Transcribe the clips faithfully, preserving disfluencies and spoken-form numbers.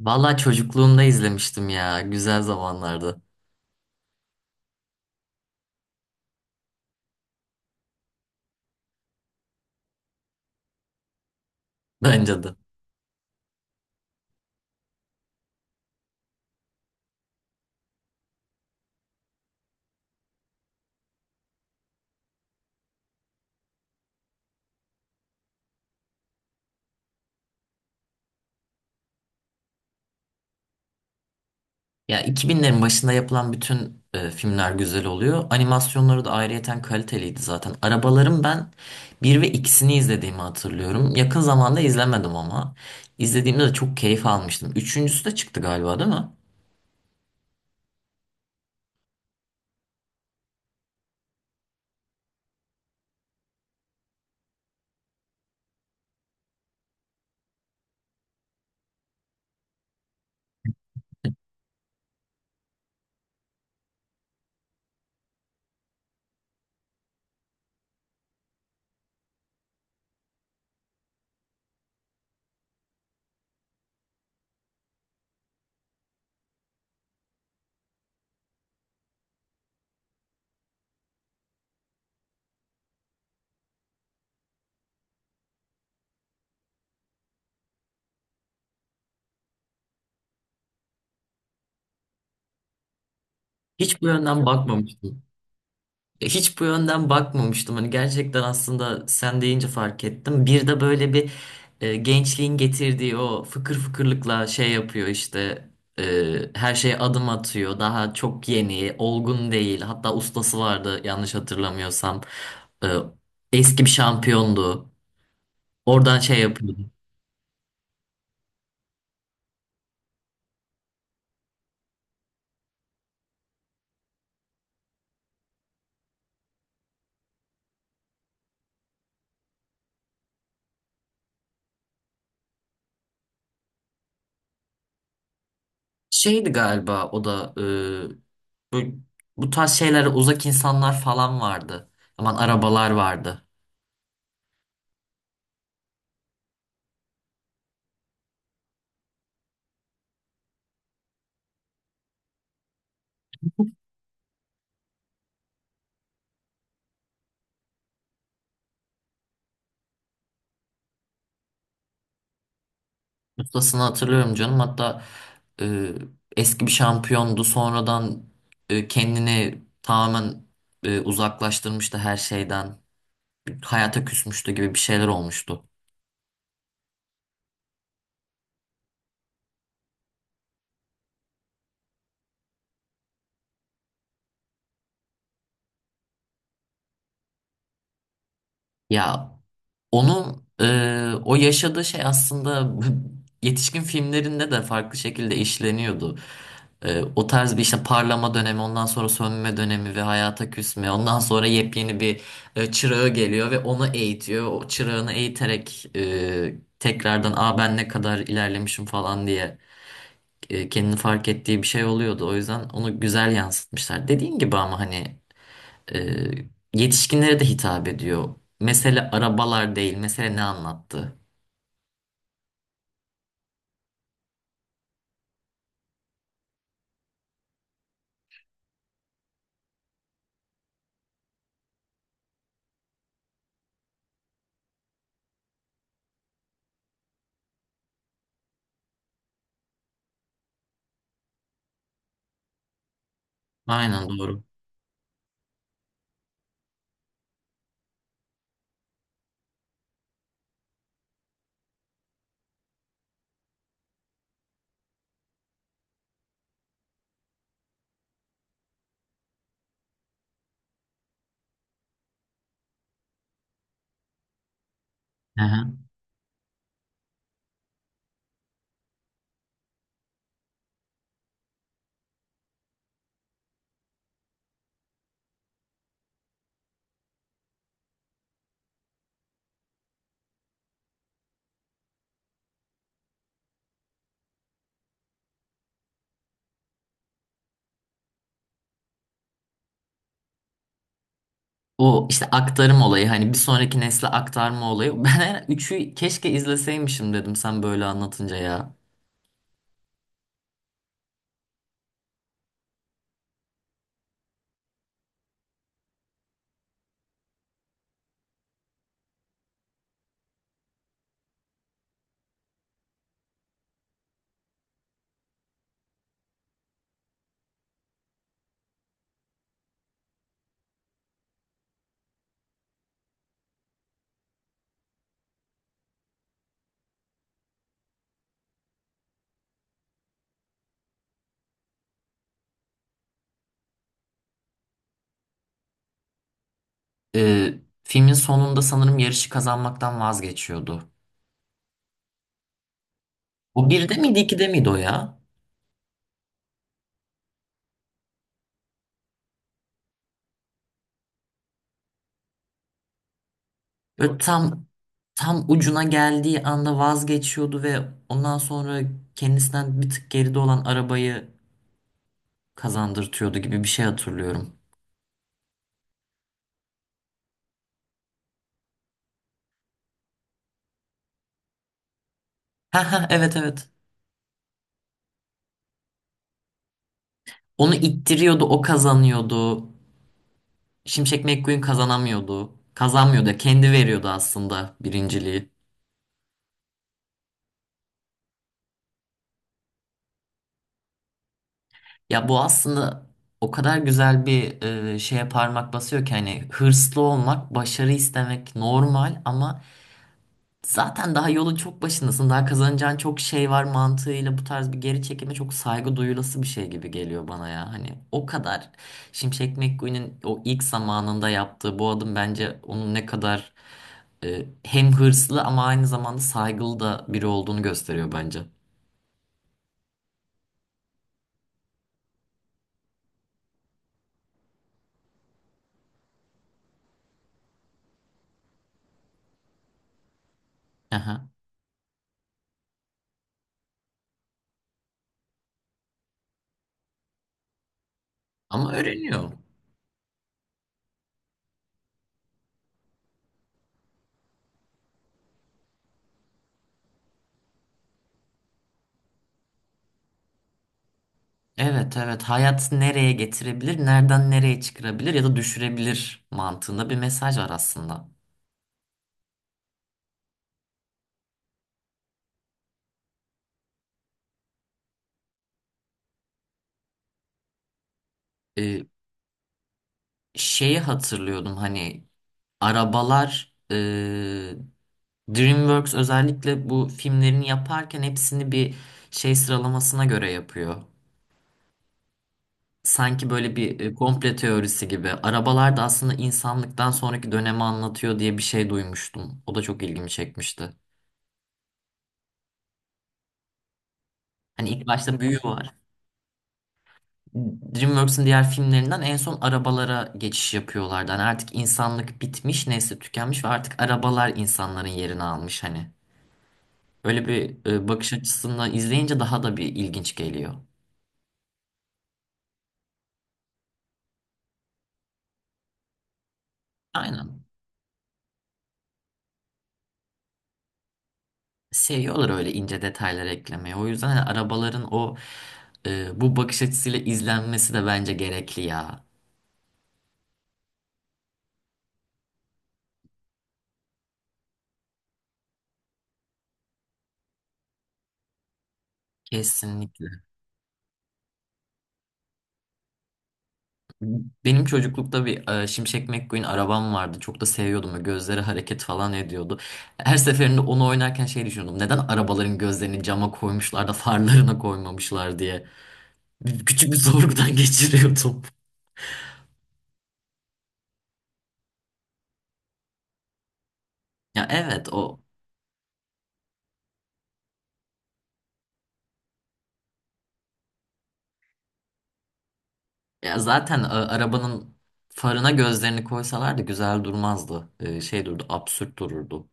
Vallahi çocukluğumda izlemiştim ya. Güzel zamanlardı. Bence de. Ya iki binlerin başında yapılan bütün e, filmler güzel oluyor. Animasyonları da ayrıyeten kaliteliydi zaten. Arabaların ben bir ve ikisini izlediğimi hatırlıyorum. Yakın zamanda izlemedim ama. İzlediğimde de çok keyif almıştım. Üçüncüsü de çıktı galiba, değil mi? Hiç bu yönden bakmamıştım. Hiç bu yönden bakmamıştım. Hani gerçekten aslında sen deyince fark ettim. Bir de böyle bir e, gençliğin getirdiği o fıkır fıkırlıkla şey yapıyor işte, e, her şeye adım atıyor. Daha çok yeni, olgun değil. Hatta ustası vardı yanlış hatırlamıyorsam. E, Eski bir şampiyondu. Oradan şey yapıyordu. Şeydi galiba o da, e, bu, bu tarz şeylere uzak insanlar falan vardı. Aman arabalar vardı. Ustasını hatırlıyorum canım. Hatta e, eski bir şampiyondu. Sonradan e, kendini tamamen e, uzaklaştırmıştı her şeyden. Hayata küsmüştü gibi bir şeyler olmuştu. Ya, onun e, o yaşadığı şey aslında yetişkin filmlerinde de farklı şekilde işleniyordu. E, o tarz bir işte parlama dönemi, ondan sonra sönme dönemi ve hayata küsme, ondan sonra yepyeni bir e, çırağı geliyor ve onu eğitiyor. O çırağını eğiterek e, tekrardan "Aa, ben ne kadar ilerlemişim" falan diye e, kendini fark ettiği bir şey oluyordu. O yüzden onu güzel yansıtmışlar. Dediğin gibi ama hani e, yetişkinlere de hitap ediyor. Mesele arabalar değil, mesele ne anlattı. Aynen, doğru. Hı hı. O işte aktarım olayı, hani bir sonraki nesle aktarma olayı. Ben üçü keşke izleseymişim dedim sen böyle anlatınca ya. Ee, Filmin sonunda sanırım yarışı kazanmaktan vazgeçiyordu. O birde miydi, ikide miydi o ya? Böyle tam, tam ucuna geldiği anda vazgeçiyordu ve ondan sonra kendisinden bir tık geride olan arabayı kazandırtıyordu gibi bir şey hatırlıyorum. Ha ha, evet evet. Onu ittiriyordu, o kazanıyordu. Şimşek McQueen kazanamıyordu. Kazanmıyordu. Kendi veriyordu aslında birinciliği. Ya bu aslında o kadar güzel bir e, şeye parmak basıyor ki, hani hırslı olmak, başarı istemek normal ama zaten daha yolun çok başındasın. Daha kazanacağın çok şey var mantığıyla bu tarz bir geri çekime çok saygı duyulası bir şey gibi geliyor bana ya. Hani o kadar, Şimşek McQueen'in o ilk zamanında yaptığı bu adım bence onun ne kadar e, hem hırslı ama aynı zamanda saygılı da biri olduğunu gösteriyor bence. Aha. Ama öğreniyor. Evet evet, hayat nereye getirebilir, nereden nereye çıkarabilir ya da düşürebilir mantığında bir mesaj var aslında. E, Şeyi hatırlıyordum, hani arabalar, e, DreamWorks özellikle bu filmlerini yaparken hepsini bir şey sıralamasına göre yapıyor. Sanki böyle bir e, komple teorisi gibi. Arabalar da aslında insanlıktan sonraki dönemi anlatıyor diye bir şey duymuştum. O da çok ilgimi çekmişti. Hani ilk başta büyü var. DreamWorks'ın diğer filmlerinden en son arabalara geçiş yapıyorlardı. Hani artık insanlık bitmiş, nesli tükenmiş ve artık arabalar insanların yerini almış hani. Öyle bir e, bakış açısından izleyince daha da bir ilginç geliyor. Aynen. Seviyorlar öyle ince detayları eklemeyi. O yüzden hani arabaların o e, bu bakış açısıyla izlenmesi de bence gerekli ya. Kesinlikle. Benim çocuklukta bir e, Şimşek McQueen arabam vardı. Çok da seviyordum. Böyle gözleri hareket falan ediyordu. Her seferinde onu oynarken şey düşünüyordum: neden arabaların gözlerini cama koymuşlar da farlarına koymamışlar diye. Bir- Küçük bir sorgudan geçiriyordum. Ya evet, o Ya zaten a- arabanın farına gözlerini koysalardı güzel durmazdı. Ee, şey durdu, absürt dururdu.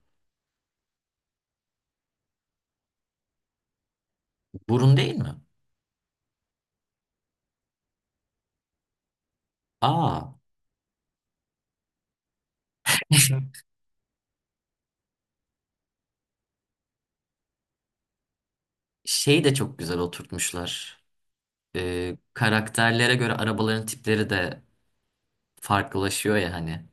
Burun değil mi? Aa. Şeyi de çok güzel oturtmuşlar. Ee, karakterlere göre arabaların tipleri de farklılaşıyor ya hani.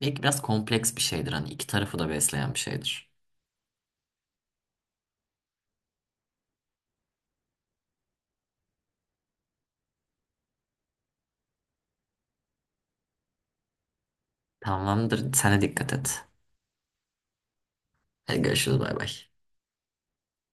Belki biraz kompleks bir şeydir, hani iki tarafı da besleyen bir şeydir. Tamamdır. Sen de dikkat et. Hadi görüşürüz, bay bay.